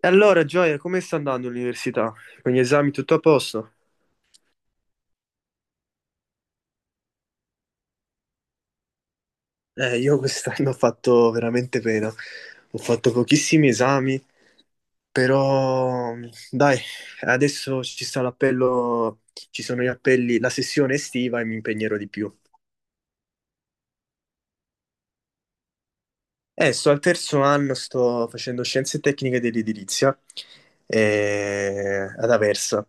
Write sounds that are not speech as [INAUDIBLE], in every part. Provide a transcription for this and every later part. E allora, Gioia, come sta andando l'università? Con gli esami tutto a posto? Io quest'anno ho fatto veramente pena. Ho fatto pochissimi esami, però dai, adesso ci sta l'appello, ci sono gli appelli, la sessione estiva e mi impegnerò di più. Sto al terzo anno, sto facendo scienze tecniche dell'edilizia ad Aversa.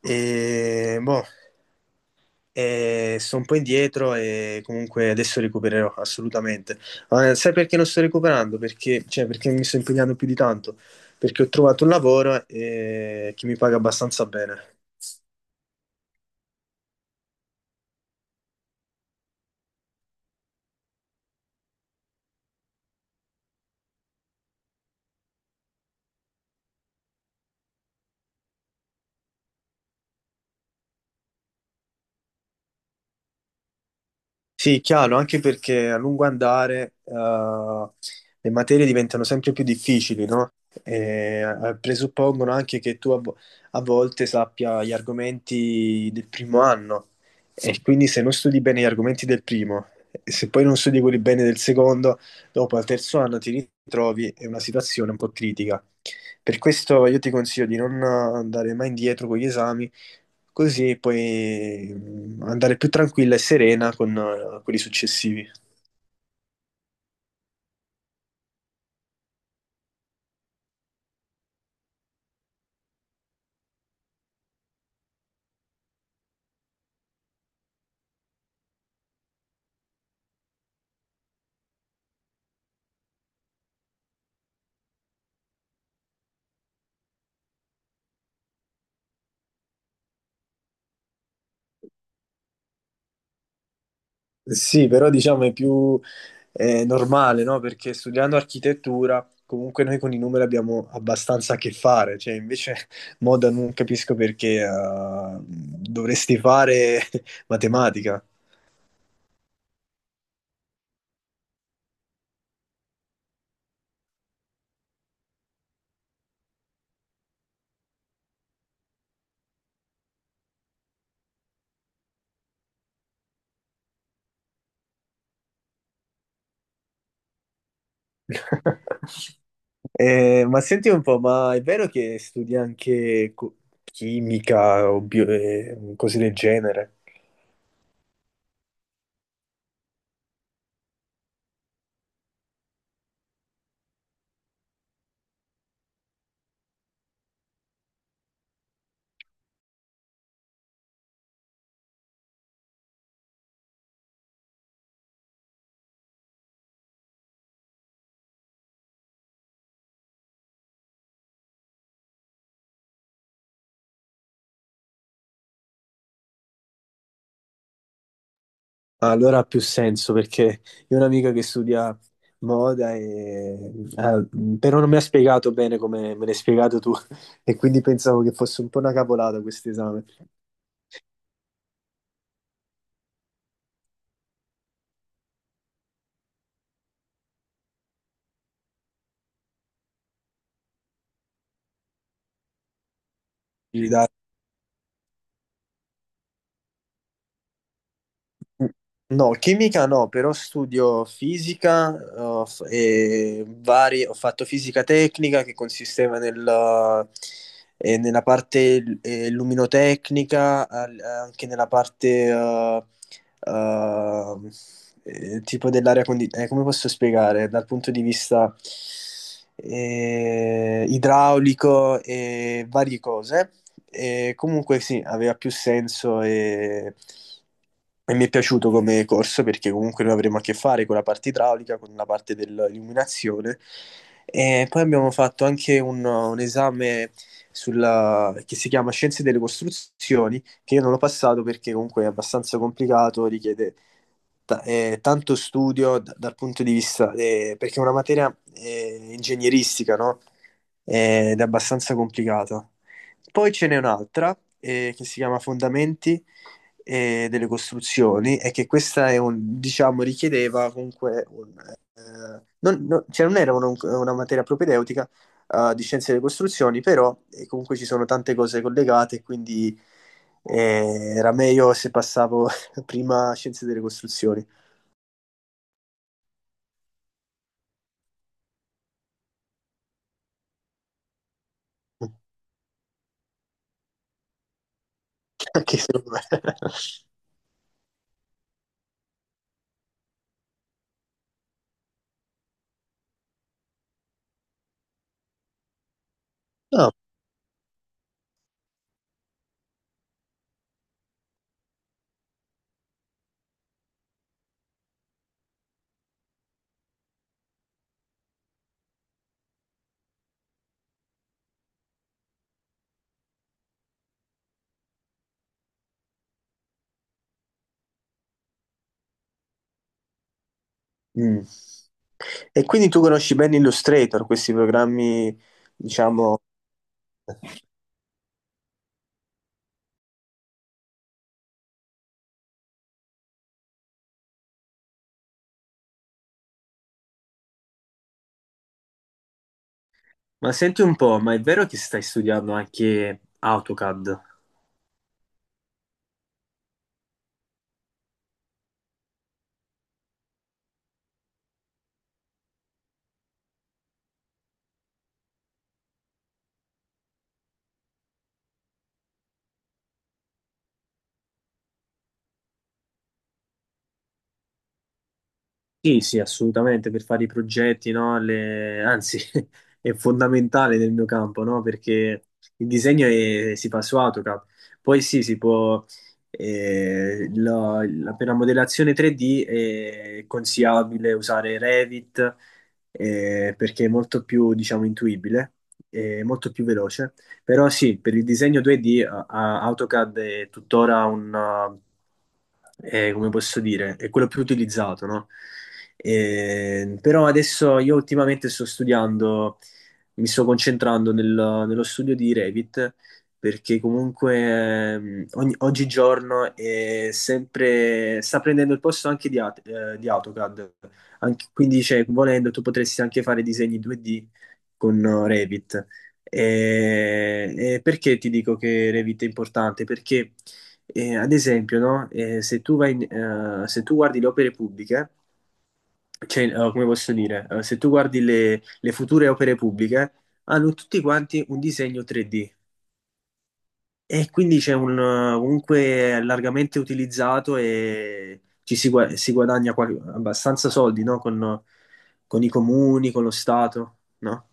E boh, e sto un po' indietro e comunque adesso recupererò assolutamente. Ma sai perché non sto recuperando? Perché, cioè, perché mi sto impegnando più di tanto? Perché ho trovato un lavoro che mi paga abbastanza bene. Sì, chiaro, anche perché a lungo andare le materie diventano sempre più difficili, no? Presuppongono anche che tu a volte sappia gli argomenti del primo anno e quindi se non studi bene gli argomenti del primo e se poi non studi quelli bene del secondo, dopo al terzo anno ti ritrovi in una situazione un po' critica. Per questo io ti consiglio di non andare mai indietro con gli esami. Così puoi andare più tranquilla e serena con quelli successivi. Sì, però diciamo è più normale, no? Perché studiando architettura, comunque noi con i numeri abbiamo abbastanza a che fare, cioè invece [LAUGHS] moda non capisco perché dovresti fare [LAUGHS] matematica. [LAUGHS] Ma senti un po', ma è vero che studi anche chimica o cose del genere? Allora ha più senso perché io ho un'amica che studia moda e però non mi ha spiegato bene come me l'hai spiegato tu [LAUGHS] e quindi pensavo che fosse un po' una cavolata questo esame. Quindi dai. No, chimica no, però studio fisica, e vari, ho fatto fisica tecnica che consisteva nella parte luminotecnica, anche nella parte eh, tipo dell'aria condizionata, come posso spiegare? Dal punto di vista idraulico e varie cose. E comunque sì, aveva più senso e mi è piaciuto come corso perché comunque noi avremo a che fare con la parte idraulica, con la parte dell'illuminazione. E poi abbiamo fatto anche un esame che si chiama Scienze delle Costruzioni, che io non l'ho passato perché comunque è abbastanza complicato, richiede tanto studio dal punto di vista, perché è una materia ingegneristica, no? Ed è abbastanza complicata. Poi ce n'è un'altra che si chiama Fondamenti delle Costruzioni, e che questa è diciamo, richiedeva comunque un, non, non- cioè non era una materia propedeutica di Scienze delle Costruzioni, però comunque ci sono tante cose collegate, quindi era meglio se passavo [LAUGHS] prima Scienze delle Costruzioni. [LAUGHS] Anche secondo me. [LAUGHS] No. Mm. E quindi tu conosci bene Illustrator, questi programmi, diciamo. Ma senti un po', ma è vero che stai studiando anche AutoCAD? Sì, sì, assolutamente, per fare i progetti, no? Anzi, [LAUGHS] è fondamentale nel mio campo, no? Perché il disegno si fa su AutoCAD. Poi sì, si può... Per la modellazione 3D è consigliabile usare Revit, perché è molto più, diciamo, intuibile, è molto più veloce. Però sì, per il disegno 2D AutoCAD è tuttora come posso dire, è quello più utilizzato, no? Però adesso io ultimamente sto studiando, mi sto concentrando nello studio di Revit, perché comunque oggigiorno è sempre, sta prendendo il posto anche di AutoCAD. Quindi, cioè, volendo, tu potresti anche fare disegni 2D con Revit. Perché ti dico che Revit è importante? Perché, ad esempio, no? Se tu se tu guardi le opere pubbliche, cioè, come posso dire, eh, se tu guardi le future opere pubbliche, hanno tutti quanti un disegno 3D e quindi c'è un comunque largamente utilizzato e si guadagna abbastanza soldi, no? Con i comuni, con lo Stato, no?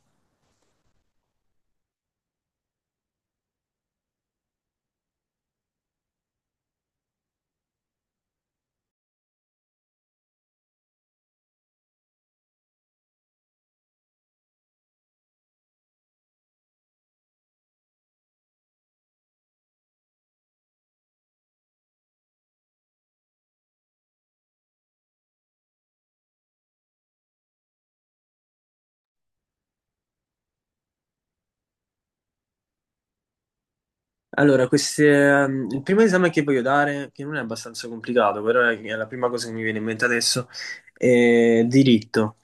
Allora, queste, il primo esame che voglio dare, che non è abbastanza complicato, però è la prima cosa che mi viene in mente adesso, è diritto.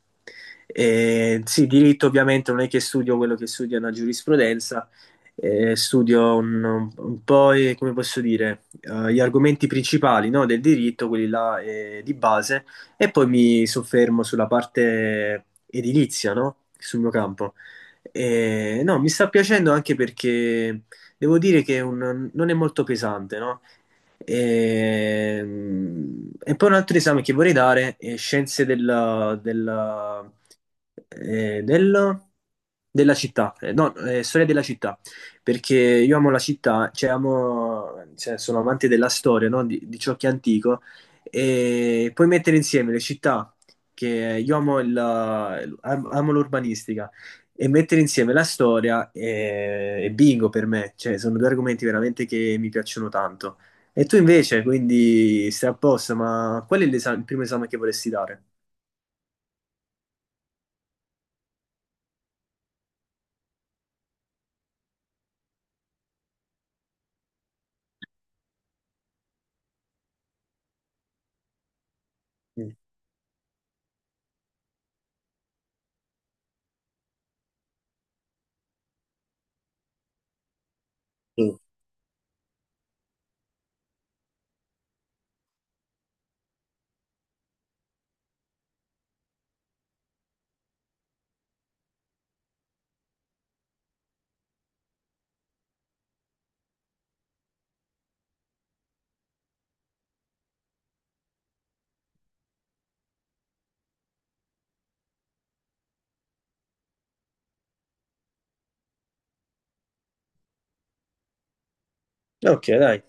Sì, diritto ovviamente non è che studio quello che studia la giurisprudenza, studio un po', come posso dire, gli argomenti principali, no, del diritto, quelli là, di base, e poi mi soffermo sulla parte edilizia, no, sul mio campo. No, mi sta piacendo anche perché... Devo dire che è non è molto pesante, no? E, e poi un altro esame che vorrei dare è Scienze eh, del- della Città. No, Storia della Città, perché io amo la città, cioè amo, cioè, sono amante della storia, no? Di ciò che è antico, e puoi mettere insieme le città, che io amo, amo l'urbanistica, e mettere insieme la storia e bingo per me, cioè sono due argomenti veramente che mi piacciono tanto. E tu invece, quindi stai a posto, ma qual è il primo esame che vorresti dare? Mm. Mm. Ok, dai.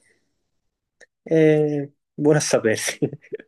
Eh, buona a sapersi. [LAUGHS]